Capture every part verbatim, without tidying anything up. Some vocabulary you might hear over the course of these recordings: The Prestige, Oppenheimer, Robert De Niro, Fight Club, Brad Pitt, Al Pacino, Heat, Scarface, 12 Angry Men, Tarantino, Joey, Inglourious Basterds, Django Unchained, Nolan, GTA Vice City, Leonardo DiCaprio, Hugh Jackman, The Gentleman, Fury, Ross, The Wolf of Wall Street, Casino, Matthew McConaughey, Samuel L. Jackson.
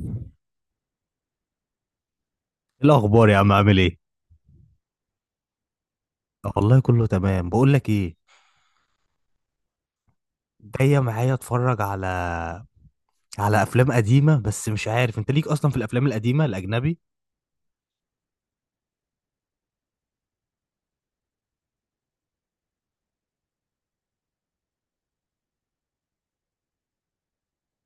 إيه الاخبار يا عم؟ عامل ايه؟ والله كله تمام. بقول لك ايه، جايه معايا اتفرج على على افلام قديمه، بس مش عارف انت ليك اصلا في الافلام القديمه الاجنبي؟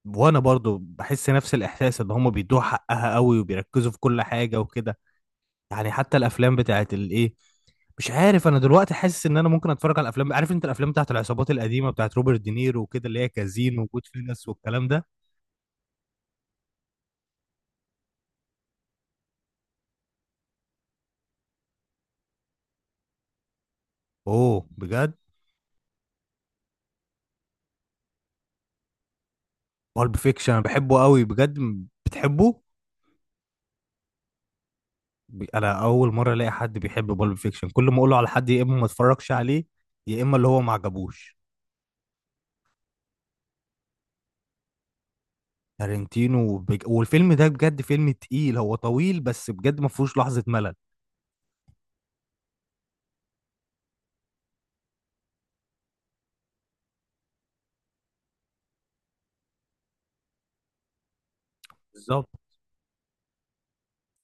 وانا برضو بحس نفس الاحساس ان هم بيدوها حقها قوي وبيركزوا في كل حاجه وكده. يعني حتى الافلام بتاعت الايه، مش عارف، انا دلوقتي حاسس ان انا ممكن اتفرج على الافلام. عارف انت الافلام بتاعت العصابات القديمه بتاعت روبرت دينيرو وكده، اللي هي كازينو وجود فينس والكلام ده. اوه، بجد؟ بالب فيكشن انا بحبه قوي بجد، م- بتحبه؟ بي- انا اول مره الاقي حد بيحب بالب فيكشن، كل ما اقوله على حد يا اما ما اتفرجش عليه يا اما اللي هو ما عجبوش. تارنتينو وبيج... والفيلم ده بجد فيلم تقيل، هو طويل بس بجد ما فيهوش لحظه ملل. بالظبط،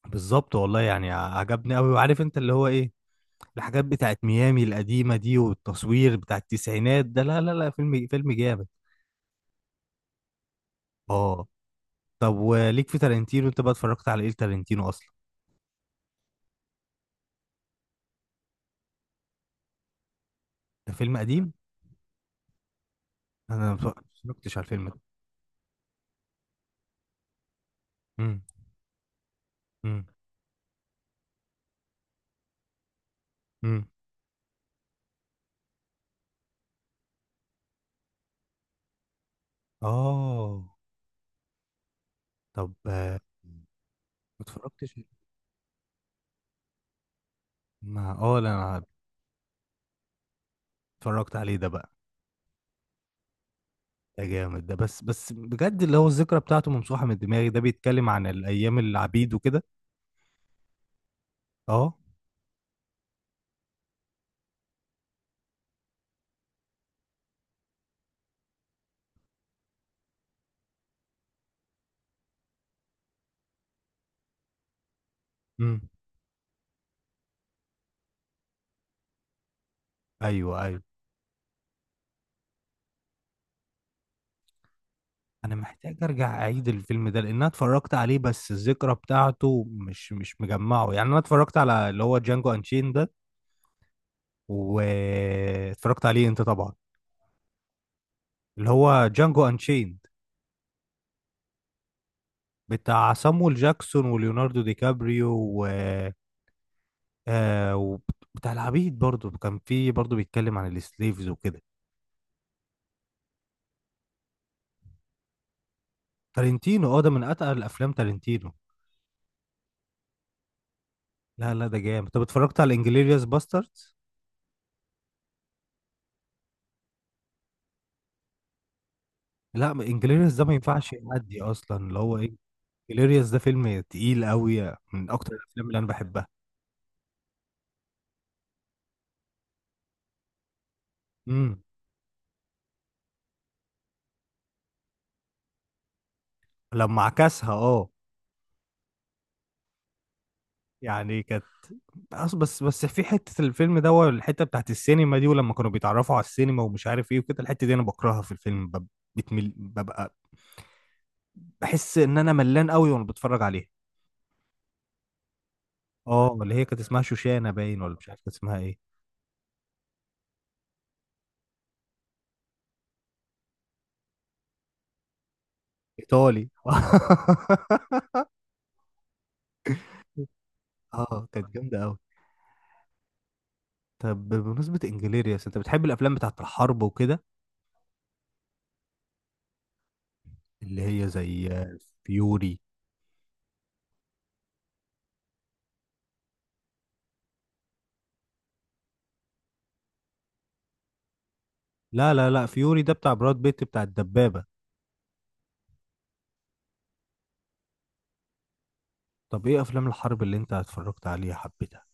بالظبط والله، يعني ع- عجبني قوي، وعارف انت اللي هو ايه، الحاجات بتاعت ميامي القديمه دي والتصوير بتاع التسعينات ده، لا لا لا، فيلم فيلم جامد. اه. طب وليك في تارنتينو انت بقى؟ اتفرجت على ايه تارنتينو اصلا؟ ده فيلم قديم. انا ما اتفرجتش على الفيلم ده. امم. امم. امم. اه، طب آه، ما اتفرجتش. ما اه، لا انا، اتفرجت عليه ده بقى. ده جامد ده، بس بس بجد اللي هو الذكرى بتاعته ممسوحة من دماغي. ده بيتكلم عن الايام العبيد وكده. اه. امم. ايوه، ايوه. انا محتاج ارجع اعيد الفيلم ده، لان انا اتفرجت عليه بس الذكرى بتاعته مش مش مجمعه، يعني. انا اتفرجت على اللي هو جانجو انشين ده، واتفرجت عليه انت طبعا؟ اللي هو جانجو انشين، بتاع صامويل جاكسون وليوناردو دي كابريو و... آه، وبتاع العبيد برضو، كان في، برضو بيتكلم عن السليفز وكده. تارنتينو، اه، ده من اتقل الافلام، تارنتينو. لا لا، ده جامد. طب اتفرجت على انجليريوس باستردز؟ لا، انجليريوس ده ما ينفعش يعدي اصلا، اللي هو ايه، انجليريوس ده فيلم تقيل قوي، من اكتر الافلام اللي انا بحبها. امم. لما عكسها، اه. يعني كانت، بس بس بس في حته الفيلم ده والحته بتاعت السينما دي، ولما كانوا بيتعرفوا على السينما ومش عارف ايه وكده، الحته دي انا بكرهها في الفيلم، بب- بتمل ببقى، بحس ان انا ملان قوي وانا بتفرج عليها. اه، اللي هي كانت اسمها شوشانه باين ولا مش عارف كانت اسمها ايه. ايطالي اه، كانت جامده قوي. طب بمناسبه انجليريس، انت بتحب الافلام بتاعت الحرب وكده، اللي هي زي آه، فيوري. لا لا لا، فيوري ده بتاع براد بيت، بتاع الدبابه. طب ايه افلام الحرب اللي انت اتفرجت عليها حبيتها؟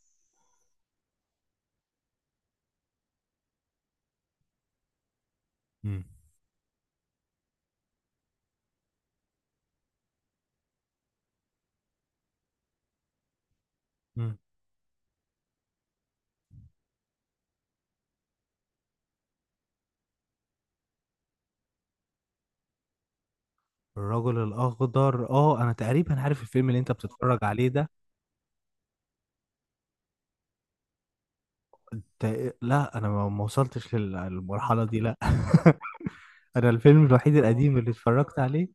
امم. امم. الرجل الاخضر، اه، انا تقريبا عارف الفيلم اللي انت بتتفرج عليه ده. تا- لا انا ما ما وصلتش للمرحله دي، لا انا الفيلم الوحيد اه القديم اللي اتفرجت عليه.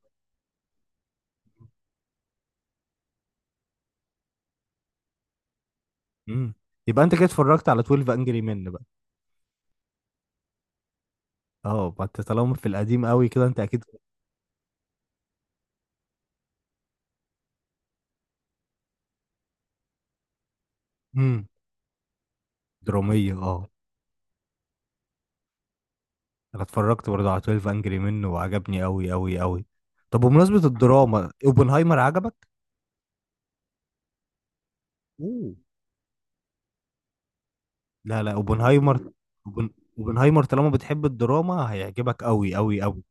امم. يبقى انت كده اتفرجت على اتناشر انجري مان بقى؟ اه، ما انت طالما في القديم قوي كده انت اكيد. امم. دراميه، اه. انا اتفرجت برضه على اتناشر انجري مان وعجبني قوي قوي قوي. طب بمناسبه الدراما، اوبنهايمر عجبك؟ اوه. لا لا، اوبنهايمر، أوبن... اوبنهايمر طالما بتحب الدراما هيعجبك قوي قوي قوي.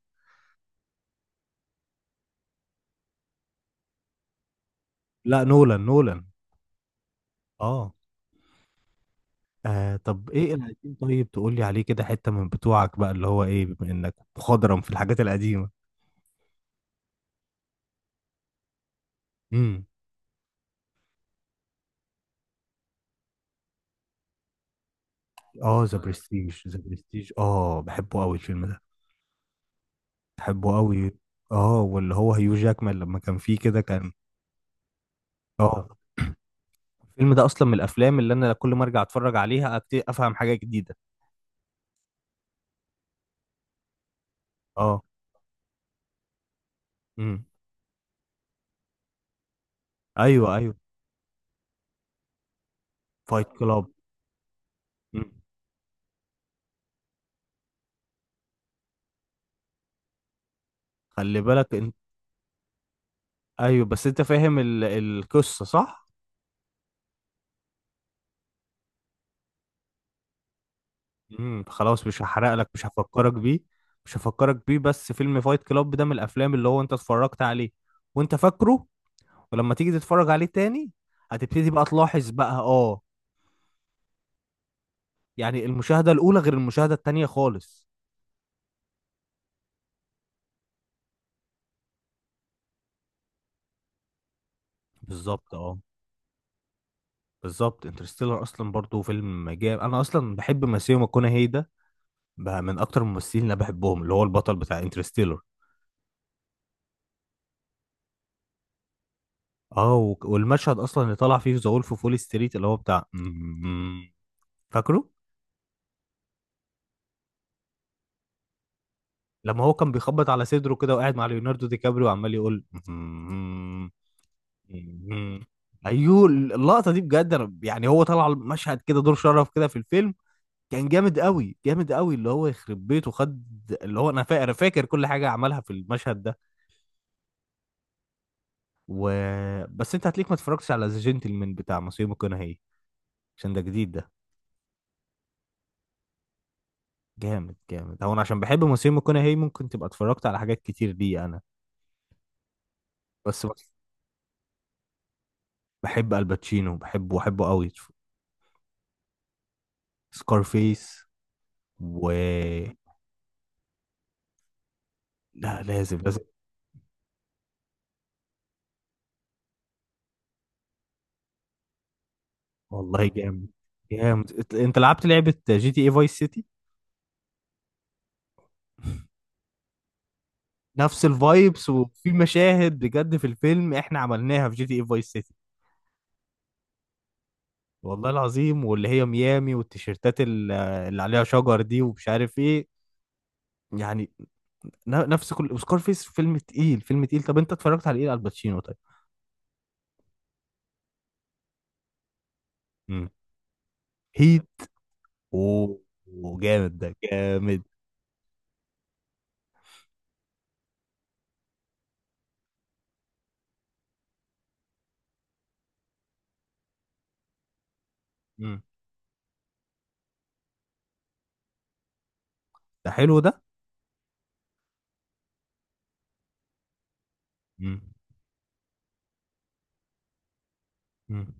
لا، نولان، نولان. اه. آه، طب ايه القديم؟ طيب تقول لي عليه كده حته من بتوعك بقى، اللي هو ايه، بما انك مخضرم في الحاجات القديمه. امم. اه، ذا آه، برستيج، ذا برستيج، اه، بحبه قوي الفيلم ده. بحبه قوي. اه، واللي هو هيو جاكمان لما كان فيه كده كان، اه، الفيلم ده اصلا من الافلام اللي انا كل ما ارجع اتفرج عليها أكت- افهم حاجه جديده. اه. امم. ايوه، ايوه. فايت كلاب، خلي بالك انت. ايوه، بس انت فاهم ال... القصه صح؟ امم، خلاص، مش هحرق لك، مش هفكرك بيه، مش هفكرك بيه. بس فيلم فايت كلاب ده من الافلام اللي هو انت اتفرجت عليه وانت فاكره، ولما تيجي تتفرج عليه تاني هتبتدي بقى تلاحظ بقى، اه، يعني المشاهدة الأولى غير المشاهدة التانية خالص. بالظبط، اه، بالظبط. انترستيلر أصلا برضو فيلم جامد، أنا أصلا بحب ماسيو ماكونهي ده، بقى من أكتر الممثلين اللي أنا بحبهم، اللي هو البطل بتاع انترستيلر. اه، و- والمشهد أصلا اللي طلع فيه ذا وولف أوف وول ستريت، اللي هو بتاع فاكره؟ لما هو كان بيخبط على صدره كده وقاعد مع ليوناردو دي كابريو وعمال يقول مم. ايوه، اللقطه دي بجد، انا يعني هو طلع مشهد كده دور شرف كده في الفيلم، كان جامد قوي، جامد قوي، اللي هو يخرب بيته خد، اللي هو انا فاكر، فاكر كل حاجه عملها في المشهد ده و... بس انت هتليك ما اتفرجتش على ذا جنتلمان بتاع ماسيمو ماكونهي، عشان ده جديد. ده جامد جامد، هو انا عشان بحب ماسيمو ماكونهي ممكن تبقى اتفرجت على حاجات كتير دي انا، بس بس بحب الباتشينو، بحبه، بحبه قوي. سكارفيس و لا، لازم، لازم. والله جامد، جامد، إت- انت لعبت لعبة جي تي اي فايس سيتي؟ نفس الفايبس، وفي مشاهد بجد في الفيلم احنا عملناها في جي تي اي فايس سيتي، والله العظيم، واللي هي ميامي والتيشيرتات ال- اللي عليها شجر دي ومش عارف ايه يعني، ن- نفس كل سكار فيس، فيلم تقيل، فيلم تقيل. طب انت اتفرجت على ايه على الباتشينو طيب؟ امم. هيت. اوه. أوه، جامد ده، جامد. امم. ده حلو ده. امم. امم.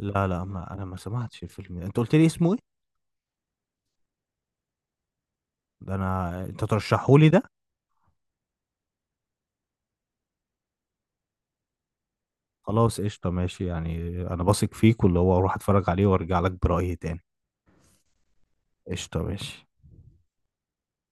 لا لا، ما انا ما سمعتش الفيلم ده. انت قلت لي اسمه إيه؟ ده انا انت ترشحهولي ده؟ خلاص قشطه، ماشي يعني. انا بثق فيك، واللي هو اروح اتفرج عليه وارجع لك برأيي تاني. قشطه، ماشي.